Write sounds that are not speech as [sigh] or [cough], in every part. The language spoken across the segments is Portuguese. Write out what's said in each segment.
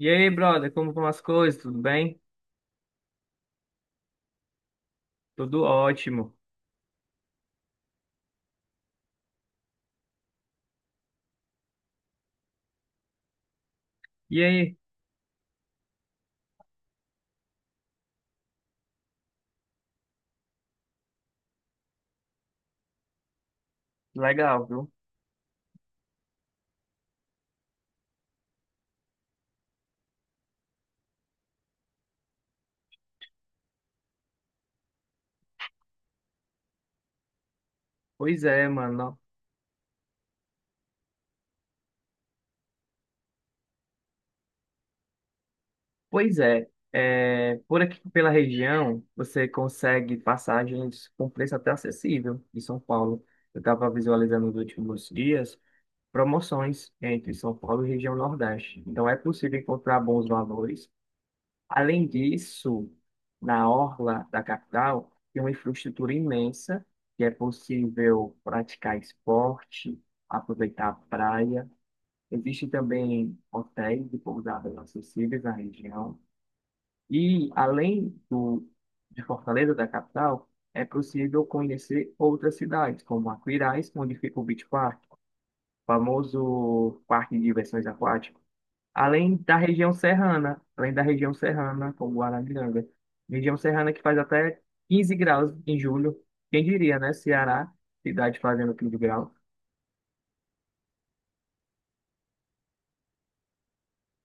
E aí, brother, como vão as coisas? Tudo bem? Tudo ótimo. E aí? Legal, viu? Pois é, mano. Pois é. É, por aqui pela região, você consegue passagens com preço até acessível em São Paulo. Eu estava visualizando nos últimos dias promoções entre São Paulo e região Nordeste. Então é possível encontrar bons valores. Além disso, na orla da capital tem uma infraestrutura imensa que é possível praticar esporte, aproveitar a praia. Existem também hotéis e pousadas acessíveis na região. E além de Fortaleza, da capital, é possível conhecer outras cidades, como Aquiraz, onde fica o Beach Park, famoso parque de diversões aquáticas. Além da região serrana, como Guarabiranga. Região serrana que faz até 15 graus em julho. Quem diria, né? Ceará, cidade fazendo 15 graus.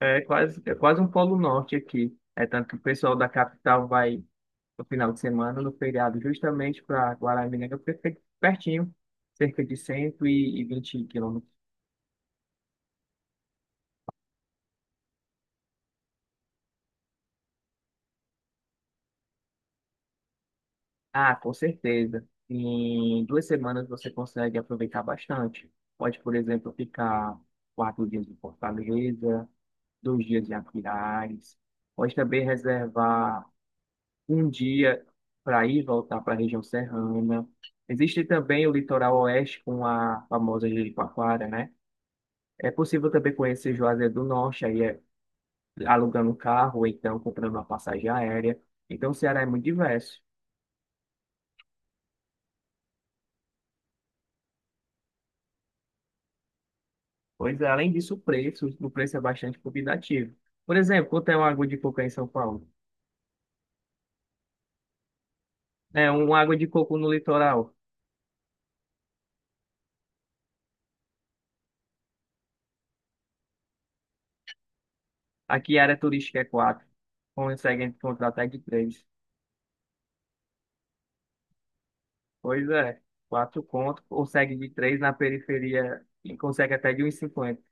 É quase um polo norte aqui. É tanto que o pessoal da capital vai no final de semana, no feriado, justamente para Guarabiranga, porque fica pertinho, cerca de 120 quilômetros. Ah, com certeza. Em 2 semanas você consegue aproveitar bastante. Pode, por exemplo, ficar 4 dias em Fortaleza, 2 dias em Aquiraz. Pode também reservar um dia para ir e voltar para a região serrana. Existe também o litoral oeste com a famosa Jericoacoara, né? É possível também conhecer Juazeiro do Norte, aí é alugando um carro ou então comprando uma passagem aérea. Então o Ceará é muito diverso. Pois é, além disso, o preço é bastante convidativo. Por exemplo, quanto é uma água de coco aí em São Paulo? É, uma água de coco no litoral. Aqui a área turística é quatro. Consegue encontrar até de três. Pois é, quatro conto, consegue de três na periferia e consegue até de 1,50.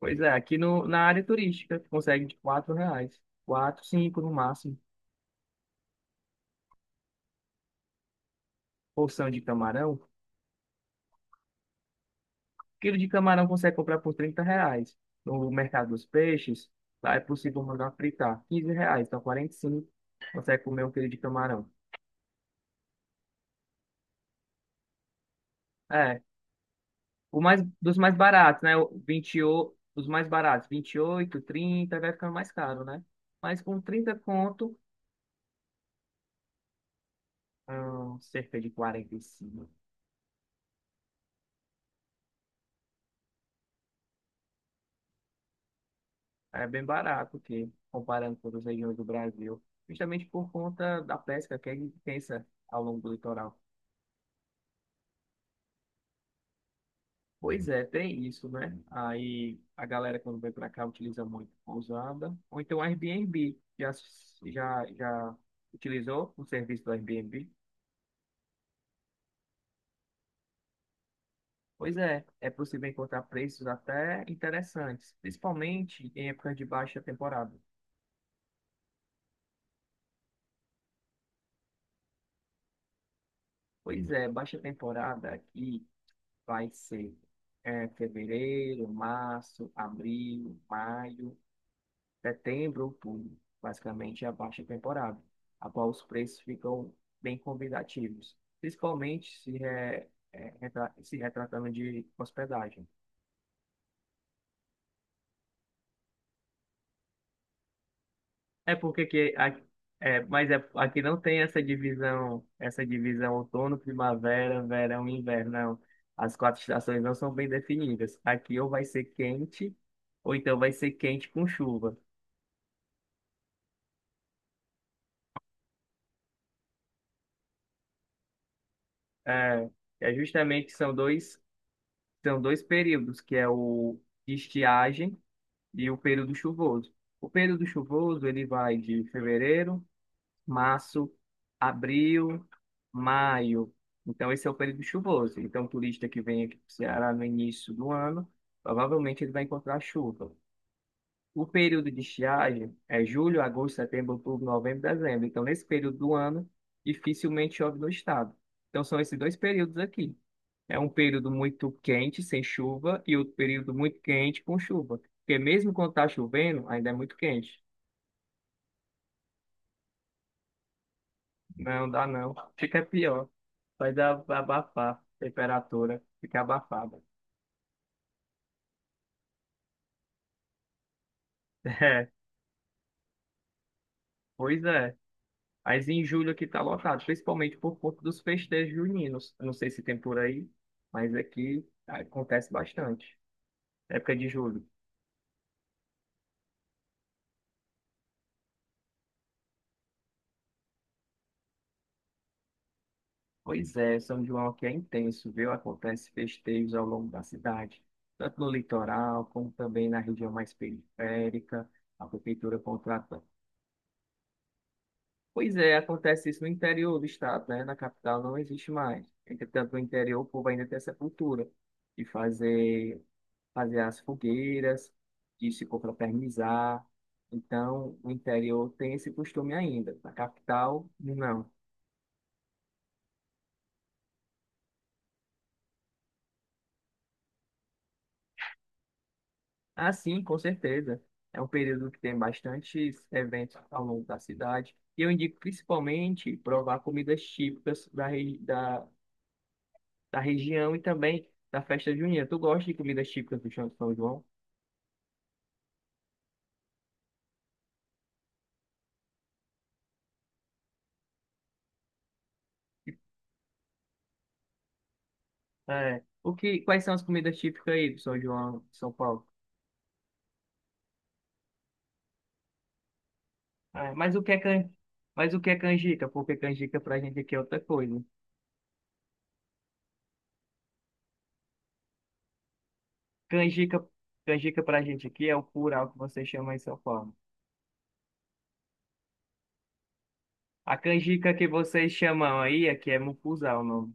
Pois é, aqui no, na área turística consegue de R$ 4. Quatro, cinco no máximo. Porção de camarão. Quilo de camarão consegue comprar por R$ 30. No mercado dos peixes, lá é possível mandar fritar. R$ 15, então 45. Consegue comer 1 quilo de camarão. É, dos mais baratos, né? O 28, os mais baratos, 28, 30, vai ficando mais caro, né? Mas com 30 conto, cerca de 45, é bem barato, que comparando com as regiões do Brasil. Justamente por conta da pesca que é intensa ao longo do litoral. Pois é, tem isso, né? Aí a galera quando vem para cá utiliza muito pousada, ou então Airbnb. Já utilizou o serviço do Airbnb? Pois é, é possível encontrar preços até interessantes, principalmente em épocas de baixa temporada. Pois é, baixa temporada aqui vai ser fevereiro, março, abril, maio. Setembro, outubro, basicamente é a baixa temporada, a qual os preços ficam bem convidativos, principalmente se retratando de hospedagem. É porque que a- é, mas é, Aqui não tem essa divisão, outono, primavera, verão e inverno, não. As quatro estações não são bem definidas. Aqui ou vai ser quente, ou então vai ser quente com chuva. É, é, justamente são dois períodos, que é o de estiagem e o período chuvoso. O período chuvoso ele vai de fevereiro, março, abril, maio. Então esse é o período chuvoso. Então o turista que vem aqui para o Ceará no início do ano, provavelmente ele vai encontrar chuva. O período de estiagem é julho, agosto, setembro, outubro, novembro, dezembro. Então, nesse período do ano, dificilmente chove no estado. Então, são esses dois períodos aqui. É um período muito quente, sem chuva, e outro período muito quente, com chuva. Porque mesmo quando está chovendo, ainda é muito quente. Não dá não. Fica pior. Vai dar abafar. Temperatura fica abafada. [laughs] É, pois é. Mas em julho aqui tá lotado, principalmente por conta dos festejos juninos. Eu não sei se tem por aí, mas aqui acontece bastante. Época de julho. Pois é, São João aqui é intenso, viu? Acontece festejos ao longo da cidade, tanto no litoral como também na região mais periférica. A prefeitura contrata. Pois é, acontece isso no interior do estado, né? Na capital não existe mais. Entretanto, no interior o povo ainda tem essa cultura de fazer as fogueiras, de se confraternizar. Então, o interior tem esse costume ainda. Na capital, não. Ah, sim, com certeza. É um período que tem bastantes eventos ao longo da cidade. E eu indico principalmente provar comidas típicas da região e também da festa junina. Tu gosta de comidas típicas do Chão de São João? É. Quais são as comidas típicas aí do São João, de São Paulo? É, mas o que é can... mas o que é canjica? Porque canjica pra gente aqui é outra coisa. Canjica, canjica pra gente aqui é o curau que vocês chamam em São Paulo. A canjica que vocês chamam aí aqui é mucuzá o nome.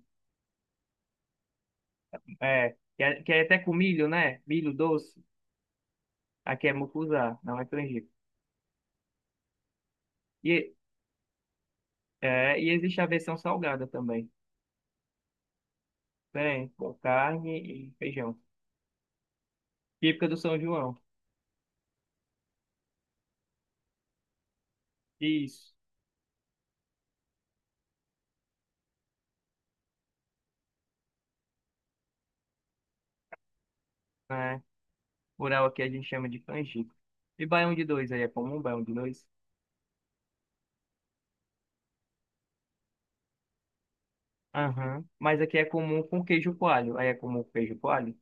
É, que é, que é até com milho, né? Milho doce. Aqui é mucuzá, não é canjica. E, e existe a versão salgada também. Tem com carne e feijão. Típica do São João. Isso, né? Curau aqui a gente chama de canjica. E baião de dois aí é comum, baião de dois? Aham. Mas aqui é comum com queijo coalho. Aí é comum com queijo coalho.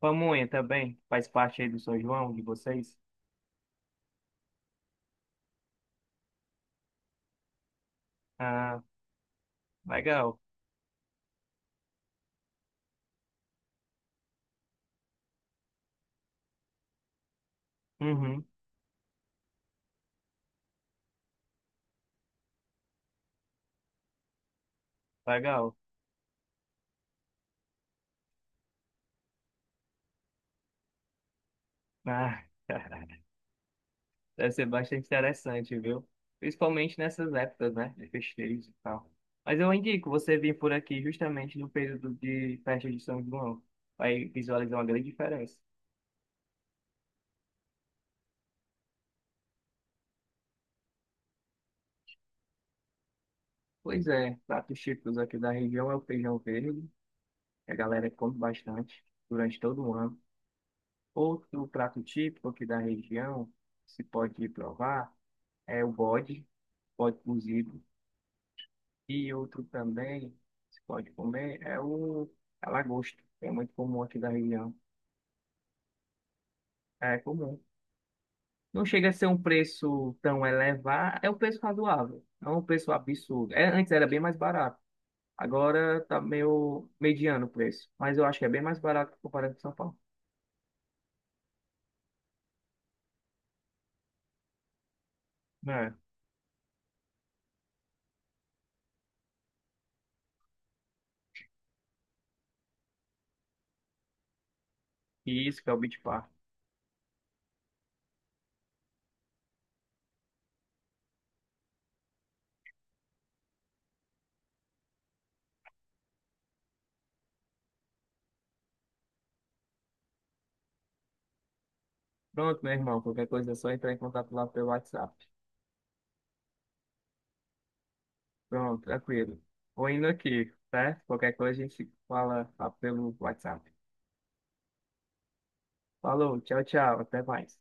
Pamonha também faz parte aí do São João, de vocês? Ah, legal. Uhum, legal. Ah, [laughs] deve ser bastante interessante, viu? Principalmente nessas épocas, né? De festejos e tal. Mas eu indico você vir por aqui justamente no período de festa de São João. Vai visualizar uma grande diferença. Pois é, pratos típicos aqui da região é o feijão verde, que a galera come bastante durante todo o ano. Outro prato típico aqui da região, se pode provar, é o bode, bode cozido. E outro também, se pode comer, é o a lagosta, que é muito comum aqui da região. É comum. Não chega a ser um preço tão elevado, é um preço razoável, não é um preço absurdo. É, antes era bem mais barato, agora tá meio mediano o preço, mas eu acho que é bem mais barato comparado com São Paulo. É. E isso que é o Beach Park. Pronto, meu irmão, qualquer coisa é só entrar em contato lá pelo WhatsApp. Pronto, tranquilo. Vou indo aqui, certo? Qualquer coisa a gente se fala lá pelo WhatsApp. Falou, tchau, tchau, até mais.